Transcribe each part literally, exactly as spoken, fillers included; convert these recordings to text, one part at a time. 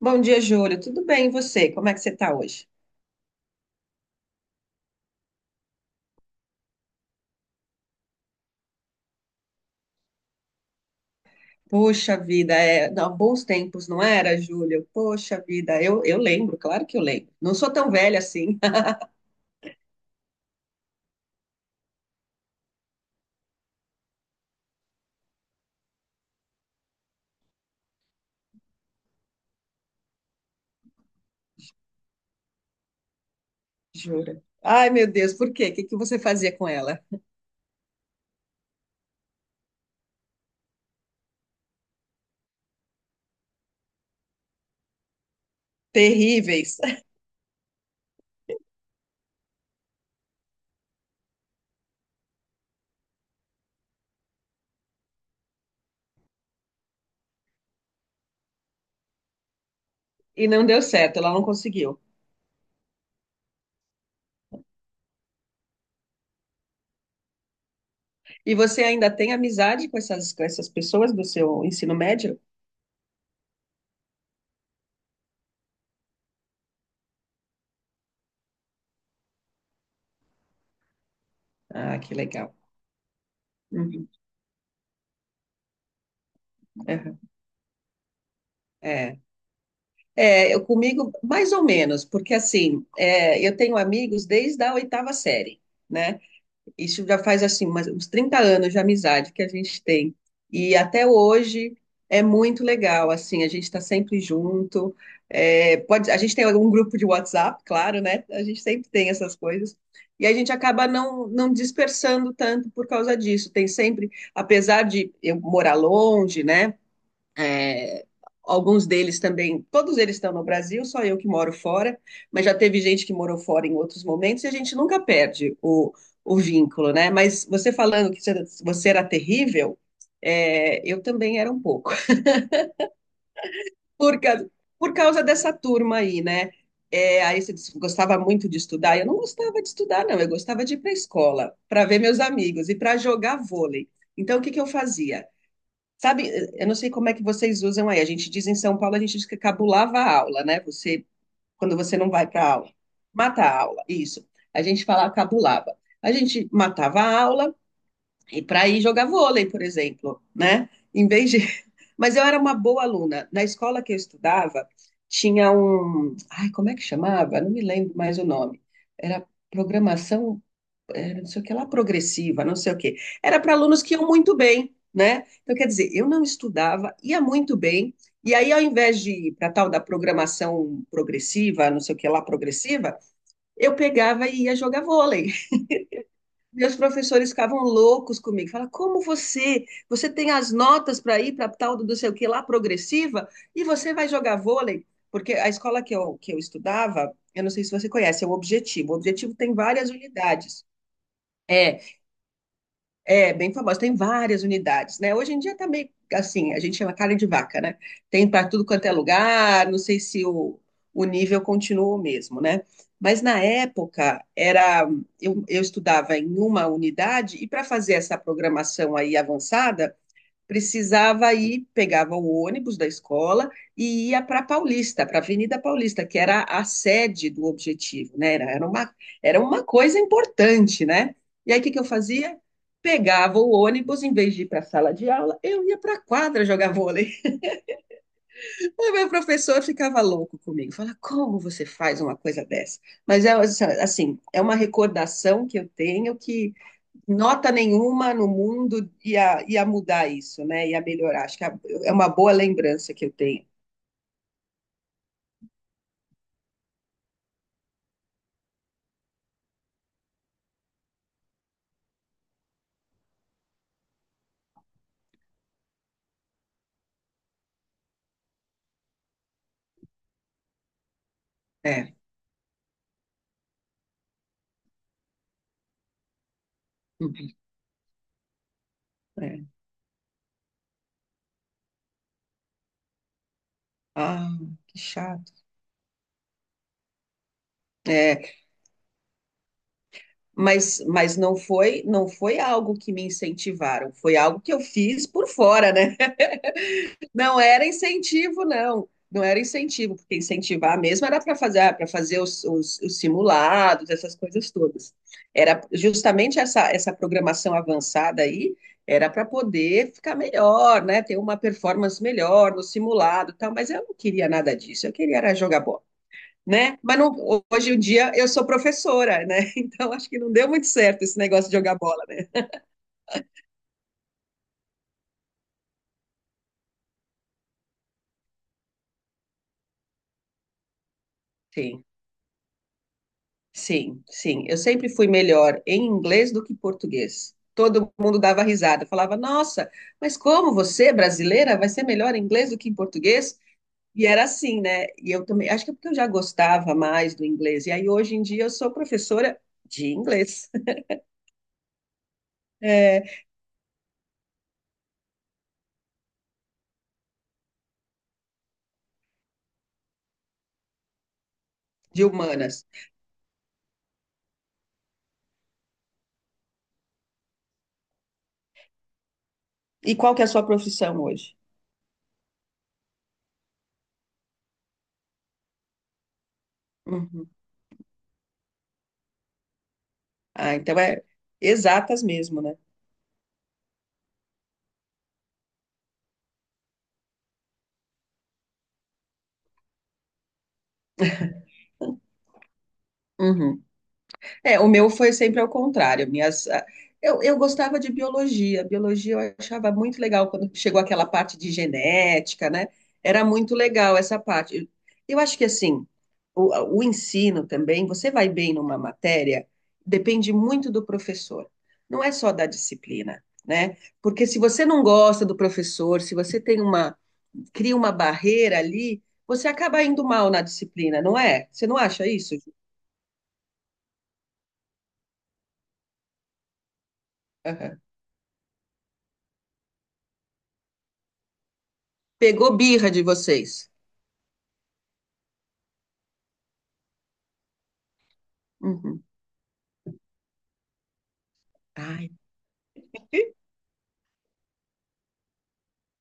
Bom dia, Júlio. Tudo bem, e você? Como é que você está hoje? Poxa vida, é, não, bons tempos, não era, Júlio? Poxa vida, eu, eu lembro, claro que eu lembro. Não sou tão velha assim, jura. Ai, meu Deus, por quê? O que que você fazia com ela? Terríveis. E não deu certo, ela não conseguiu. E você ainda tem amizade com essas, com essas pessoas do seu ensino médio? Ah, que legal. Uhum, aham. É. É, eu comigo, mais ou menos, porque assim, é, eu tenho amigos desde a oitava série, né? Isso já faz assim umas- uns trinta anos de amizade que a gente tem. E até hoje é muito legal, assim, a gente está sempre junto. É, pode, a gente tem algum grupo de WhatsApp, claro, né? A gente sempre tem essas coisas. E a gente acaba não, não dispersando tanto por causa disso. Tem sempre, apesar de eu morar longe, né? É, alguns deles também, todos eles estão no Brasil, só eu que moro fora, mas já teve gente que morou fora em outros momentos e a gente nunca perde o, o vínculo, né? Mas você falando que você- era terrível, é, eu também era um pouco, por, causa por causa dessa turma aí, né? É, aí você disse que gostava muito de estudar. Eu não gostava de estudar, não. Eu gostava de ir para a escola, para ver meus amigos e para jogar vôlei. Então, o que que eu fazia? Sabe, eu não sei como é que vocês usam aí. A gente diz em São Paulo, a gente diz que cabulava a aula, né? Você, quando você não vai para a aula, mata a aula, isso. A gente fala cabulava. A gente matava a aula e para ir jogar vôlei, por exemplo, né? Em vez de... Mas eu era uma boa aluna. Na escola que eu estudava, tinha um... Ai, como é que chamava? Não me lembro mais o nome. Era programação, era não sei o que lá, progressiva, não sei o que. Era para alunos que iam muito bem, né? Então, quer dizer, eu não estudava, ia muito bem, e aí, ao invés de ir para tal da programação progressiva, não sei o que lá, progressiva, eu pegava e ia jogar vôlei. Meus professores ficavam loucos comigo. Falavam, como você? Você tem as notas para ir para tal do não sei o que lá, progressiva, e você vai jogar vôlei? Porque a escola que eu, que eu estudava, eu não sei se você conhece, é o Objetivo. O Objetivo tem várias unidades. É, é, bem famosa, tem várias unidades, né? Hoje em dia tá meio assim, a gente chama carne de vaca, né? Tem para tudo quanto é lugar, não sei se o, o nível continua o mesmo, né? Mas na época era, eu, eu estudava em uma unidade e para fazer essa programação aí avançada, precisava ir, pegava o ônibus da escola e ia para Paulista, para a Avenida Paulista, que era a sede do Objetivo, né? Era, era uma, era uma coisa importante, né? E aí o que que eu fazia? Pegava o ônibus, em vez de ir para a sala de aula, eu ia para a quadra jogar vôlei. O meu professor ficava louco comigo, fala, como você faz uma coisa dessa? Mas é assim, é uma recordação que eu tenho que nota nenhuma no mundo ia, ia mudar isso, né? Ia melhorar. Acho que é é uma boa lembrança que eu tenho. É. Uhum. É. Ah, que chato. É, mas, mas não foi, não foi algo que me incentivaram, foi algo que eu fiz por fora, né? Não era incentivo, não. Não era incentivo, porque incentivar mesmo era para fazer, para fazer os, os, os simulados, essas coisas todas. Era justamente essa, essa programação avançada aí, era para poder ficar melhor, né? Ter uma performance melhor no simulado, e tal. Mas eu não queria nada disso. Eu queria era jogar bola, né? Mas não- hoje em dia eu sou professora, né? Então acho que não deu muito certo esse negócio de jogar bola, né? Sim. Sim, sim. Eu sempre fui melhor em inglês do que português. Todo mundo dava risada, falava: Nossa, mas como você, brasileira, vai ser melhor em inglês do que em português? E era assim, né? E eu também, acho que é porque eu já gostava mais do inglês. E aí, hoje em dia, eu sou professora de inglês, é, de humanas. E qual que é a sua profissão hoje? Uhum. Ah, então é exatas mesmo, né? Uhum. É, o meu foi sempre ao contrário. Minhas, ah, eu, eu gostava de biologia. Biologia eu achava muito legal quando chegou aquela parte de genética, né? Era muito legal essa parte. Eu, eu acho que assim, o, ah, o ensino também, você vai bem numa matéria, depende muito do professor. Não é só da disciplina, né? Porque se você não gosta do professor, se você tem uma, cria uma barreira ali, você acaba indo mal na disciplina, não é? Você não acha isso? Ju? Pegou birra de vocês. Uhum. Ai,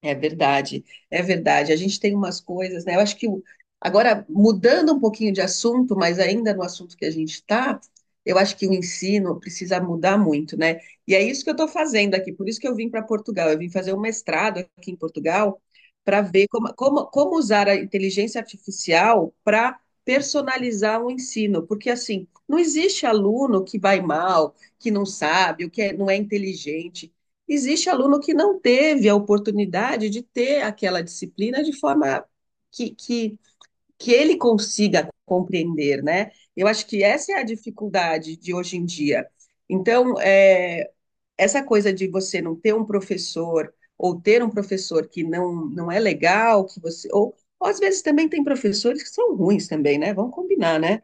é verdade, é verdade. A gente tem umas coisas, né? Eu acho que o- agora, mudando um pouquinho de assunto, mas ainda no assunto que a gente está, eu acho que o ensino precisa mudar muito, né? E é isso que eu estou fazendo aqui, por isso que eu vim para Portugal. Eu vim fazer um mestrado aqui em Portugal para ver como, como, como usar a inteligência artificial para personalizar o ensino, porque assim, não existe aluno que vai mal, que não sabe, o que é- não é inteligente. Existe aluno que não teve a oportunidade de ter aquela disciplina de forma que, que, que ele consiga compreender, né? Eu acho que essa é a dificuldade de hoje em dia. Então, é, essa coisa de você não ter um professor ou ter um professor que não, não é legal, que você ou, ou às vezes também tem professores que são ruins também, né? Vamos combinar, né?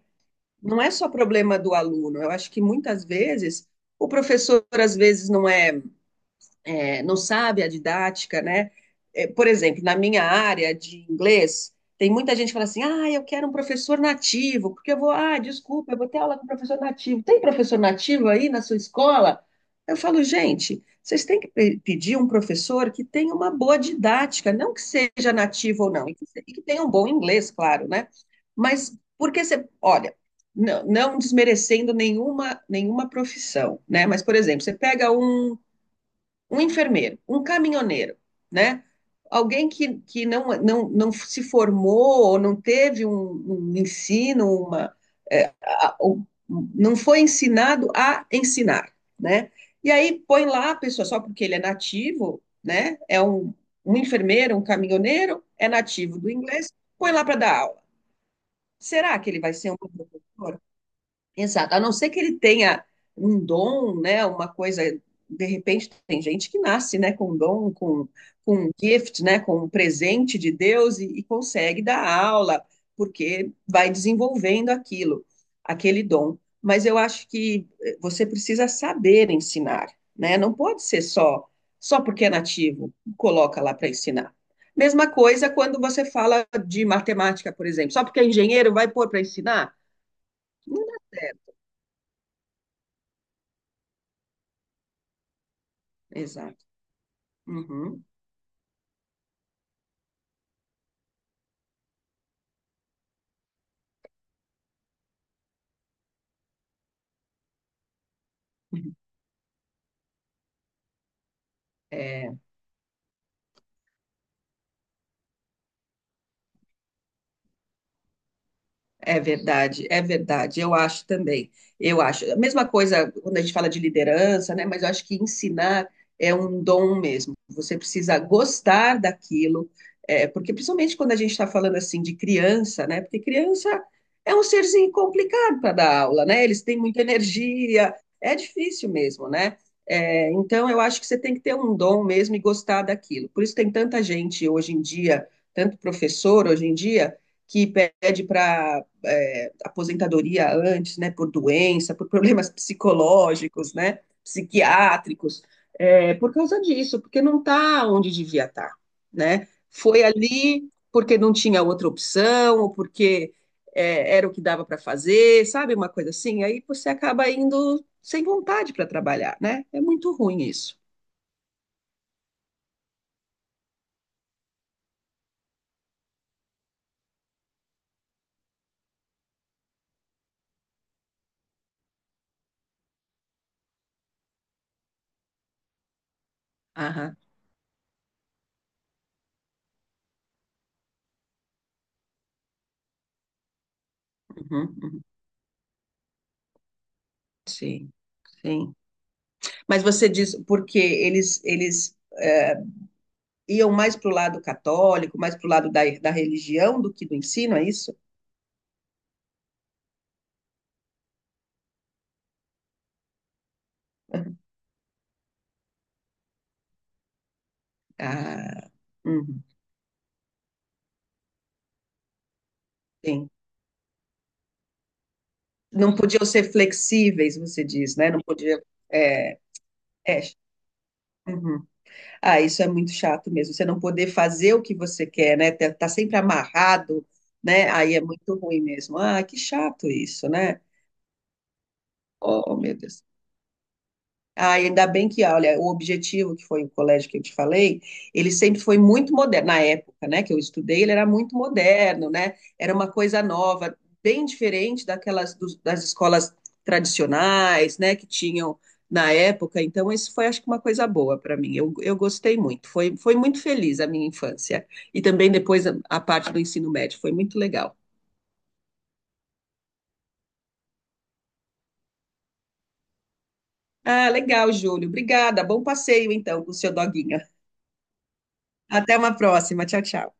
Não é só problema do aluno. Eu acho que muitas vezes o professor às vezes não é é, não sabe a didática, né? É, por exemplo, na minha área de inglês, tem muita gente que fala assim: ah, eu quero um professor nativo, porque eu vou, ah, desculpa, eu vou ter aula com professor nativo. Tem professor nativo aí na sua escola? Eu falo, gente, vocês têm que pe- pedir um professor que tenha uma boa didática, não que seja nativo ou não, e que, se- e que tenha um bom inglês, claro, né? Mas porque você, olha, não, não desmerecendo nenhuma, nenhuma profissão, né? Mas, por exemplo, você pega um um enfermeiro, um caminhoneiro, né? Alguém que, que não, não, não se formou ou não teve um, um ensino, uma, é, a- o- não foi ensinado a ensinar, né? E aí põe lá a pessoa só porque ele é nativo, né? É um, um enfermeiro, um caminhoneiro, é nativo do inglês, põe lá para dar aula. Será que ele vai ser um professor? Exato, a não ser que ele tenha um dom, né, uma coisa, de repente tem gente que nasce, né, com dom, com, com um gift, né, com um presente de Deus e, e consegue dar aula, porque vai desenvolvendo aquilo, aquele dom. Mas eu acho que eh, você precisa saber ensinar, né? Não pode ser só só porque é nativo, coloca lá para ensinar. Mesma coisa quando você fala de matemática, por exemplo, só porque é engenheiro vai pôr para ensinar? Não dá certo. Exato. Uhum. É, é verdade, é verdade. Eu acho também. Eu acho. A mesma coisa quando a gente fala de liderança, né? Mas eu acho que ensinar é um dom mesmo. Você precisa gostar daquilo, é, porque principalmente quando a gente está falando assim de criança, né? Porque criança é um serzinho complicado para dar aula, né? Eles têm muita energia, é difícil mesmo, né? É, então eu acho que você tem que ter um dom mesmo e gostar daquilo. Por isso tem tanta gente hoje em dia, tanto professor hoje em dia que pede para é, aposentadoria antes, né, por doença, por problemas psicológicos, né, psiquiátricos, é, por causa disso, porque não está onde devia estar, tá, né? Foi ali porque não tinha outra opção, ou porque é, era o que dava para fazer, sabe, uma coisa assim. Aí você acaba indo sem vontade para trabalhar, né? É muito ruim isso. Aham, uhum, uhum, sim, sim. Mas você diz porque eles, eles é, iam mais para o lado católico, mais para o lado da, da religião do que do ensino, é isso? Ah, uhum, sim. Não podiam ser flexíveis, você diz, né? Não podia. É, é, uhum. Ah, isso é muito chato mesmo. Você não poder fazer o que você quer, né? Tá, tá sempre amarrado, né? Aí é muito ruim mesmo. Ah, que chato isso, né? Oh, meu Deus. Ah, ainda bem que, olha, o Objetivo, que foi o colégio que eu te falei, ele sempre foi muito moderno. Na época, né, que eu estudei, ele era muito moderno, né? Era uma coisa nova, bem diferente daquelas dos- das escolas tradicionais, né, que tinham na época. Então, isso foi, acho que, uma coisa boa para mim. Eu, eu gostei muito. Foi, foi muito feliz a minha infância. E também depois a, a parte do ensino médio. Foi muito legal. Ah, legal, Júlio. Obrigada. Bom passeio, então, com o seu doguinho. Até uma próxima. Tchau, tchau.